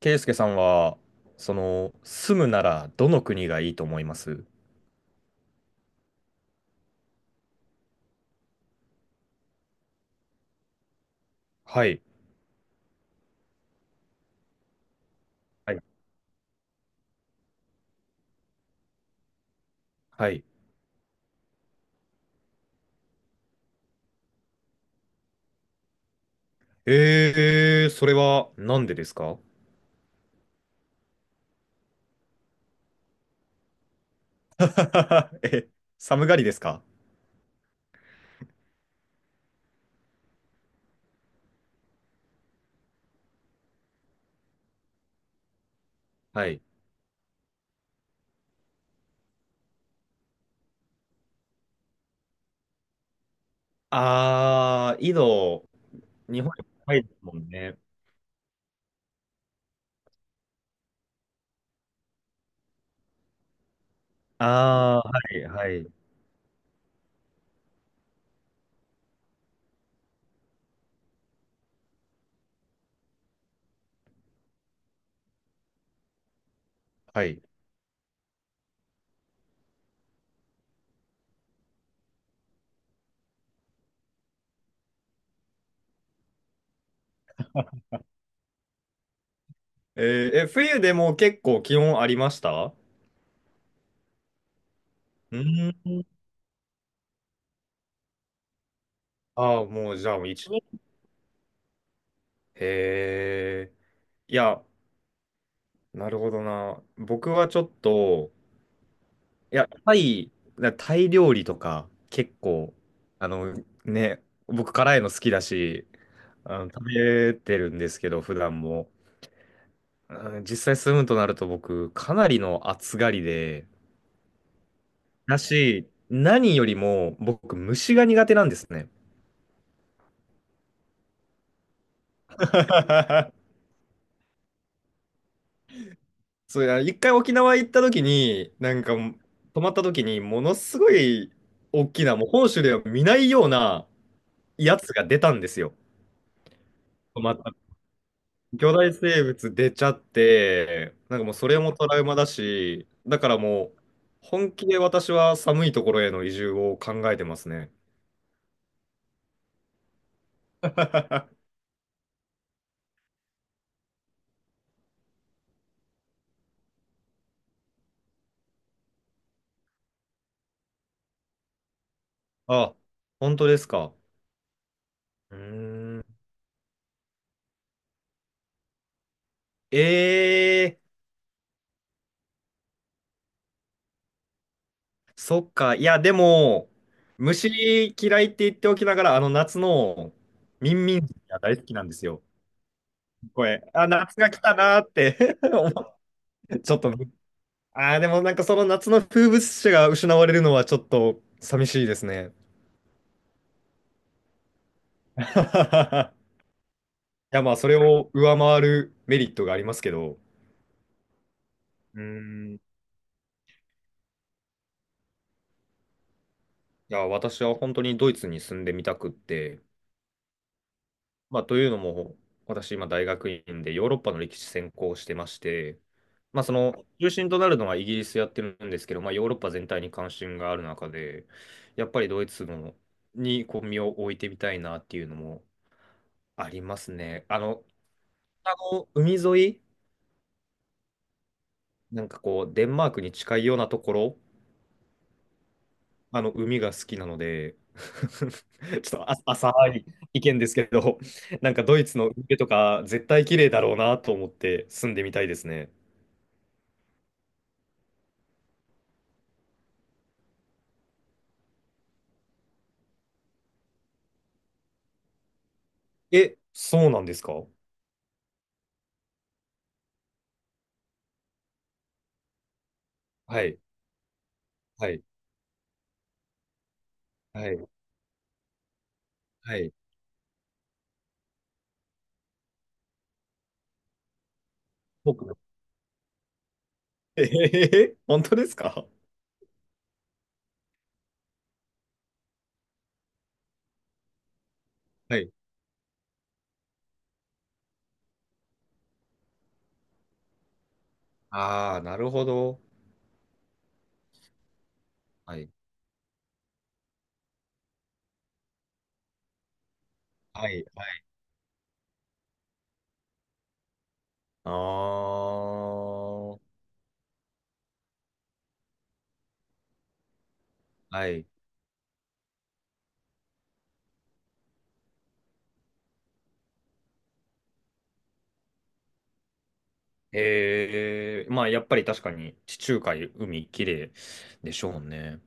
ケイスケさんは、住むならどの国がいいと思います？はい。はい。はい。それはなんでですか？ え、寒がりですか？はい。あー、緯度、日本より高いですもんね。あー、はい、はい。はい。え、冬でも結構気温ありました？うーん。あー、もうじゃあもう一年。へー。いや、なるほどな。僕はちょっと、いや、タイ、タイ料理とか、結構、あの、ね、僕辛いの好きだし、食べてるんですけど、普段も。うん。実際住むとなると僕、かなりの暑がりで、だし、何よりも僕、虫が苦手なんですね。そういや、一回沖縄行った時に、なんか、泊まった時に、ものすごい大きな、もう本州では見ないようなやつが出たんですよ。泊まった巨大生物出ちゃって、なんかもうそれもトラウマだし、だからもう本気で私は寒いところへの移住を考えてますね。あ、本当ですか。うーん。えそっか。いや、でも、虫嫌いって言っておきながら、あの夏のミンミンが大好きなんですよ。これ、あ、夏が来たなーって 思うちょっと、あー、でもなんかその夏の風物詩が失われるのはちょっと寂しいですね。いや、まあ、それを上回るメリットがありますけど、うーん、いや、私は本当にドイツに住んでみたくって、まあ、というのも、私、今、大学院でヨーロッパの歴史専攻してまして、まあ、中心となるのはイギリスやってるんですけど、まあ、ヨーロッパ全体に関心がある中で、やっぱりドイツのにこう身を置いてみたいなっていうのもありますね。あの海沿い、なんかこう、デンマークに近いようなところ、海が好きなので、ちょっと浅い意見ですけど、なんかドイツの海とか絶対綺麗だろうなと思って住んでみたいですね。え、そうなんですか？はい、はい、はい、はい。僕のえ本当ですか？はい。ああ、なるほど。はい、はい、はい。ああ、はい。まあやっぱり確かに地中海、海、綺麗でしょうね。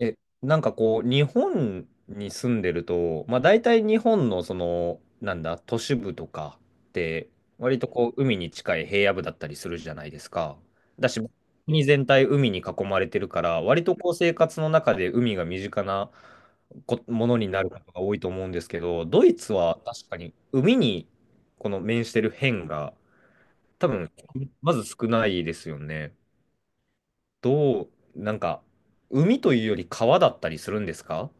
え、なんかこう、日本に住んでると、まあ大体日本のその、なんだ、都市部とかって、割とこう、海に近い平野部だったりするじゃないですか。だし、国全体海に囲まれてるから、割とこう、生活の中で海が身近なこものになることが多いと思うんですけど、ドイツは確かに海にこの面してる辺が、多分、まず少ないですよね。どう、なんか、海というより川だったりするんですか？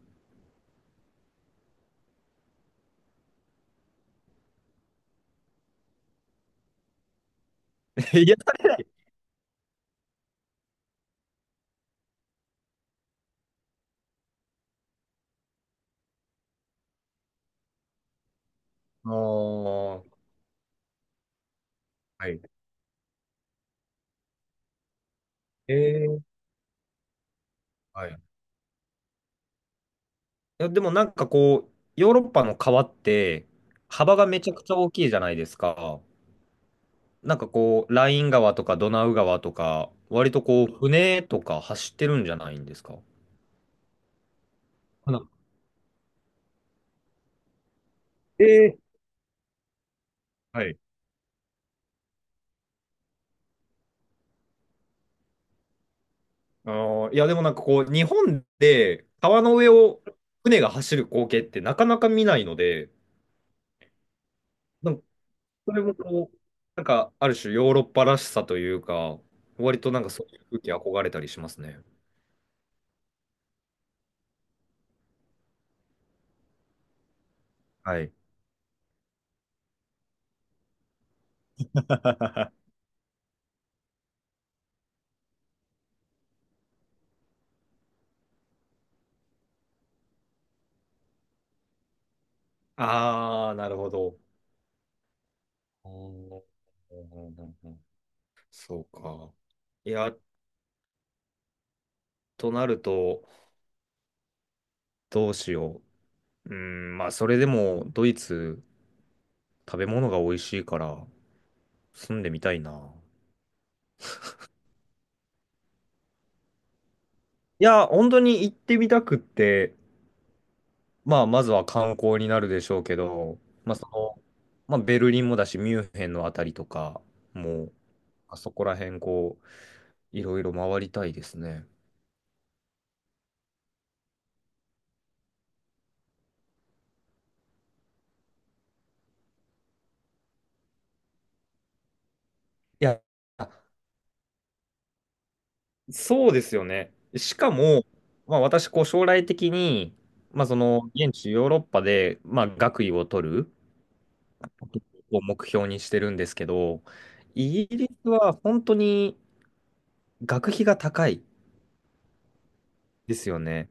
癒されない。ああ、はい。えーはい。いや、でもなんかこう、ヨーロッパの川って、幅がめちゃくちゃ大きいじゃないですか。なんかこう、ライン川とかドナウ川とか、割とこう、船とか走ってるんじゃないんですか？かな。えーはい。いや、でもなんかこう、日本で川の上を船が走る光景ってなかなか見ないので、なんかそれもこう、なんか、ある種ヨーロッパらしさというか、割となんかそういう風景憧れたりしますね。はい。ああ、なるほど。うんうんうんうん、そうか。いや、となると、どうしよう。うん、まあ、それでも、ドイツ、食べ物が美味しいから、住んでみたいな。いや、本当に行ってみたくって、まあ、まずは観光になるでしょうけど、まあ、まあ、ベルリンもだし、ミュンヘンのあたりとか、もう、あそこら辺、こう、いろいろ回りたいですね。いや、あ、そうですよね。しかも、まあ、私、こう、将来的に、まあ、現地ヨーロッパで、まあ、学位を取るを目標にしてるんですけど、イギリスは本当に学費が高いですよね。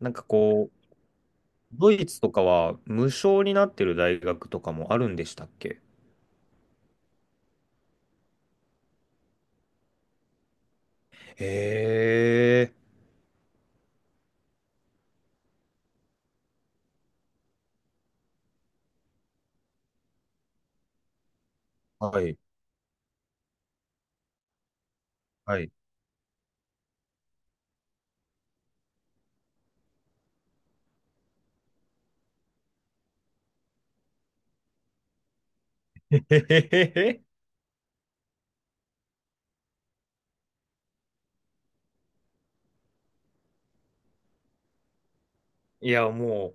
なんかこう、ドイツとかは無償になってる大学とかもあるんでしたっけ？ええ、はい。はい。へへへへ。いや、も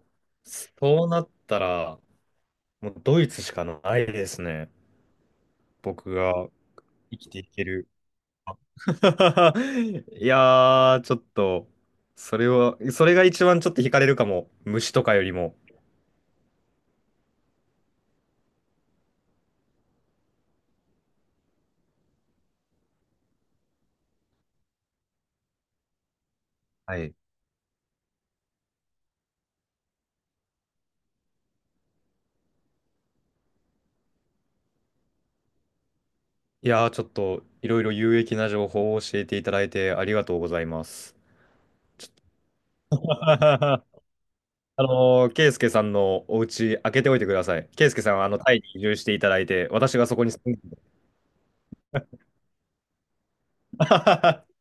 う、そうなったら、もうドイツしかないですね。僕が生きていける。いやー、ちょっと、それは、それが一番ちょっと惹かれるかも。虫とかよりも。はい。いやー、ちょっと、いろいろ有益な情報を教えていただいてありがとうございます。ケイスケさんのお家開けておいてください。ケイスケさんはあのタイに移住していただいて、私がそこに住んで。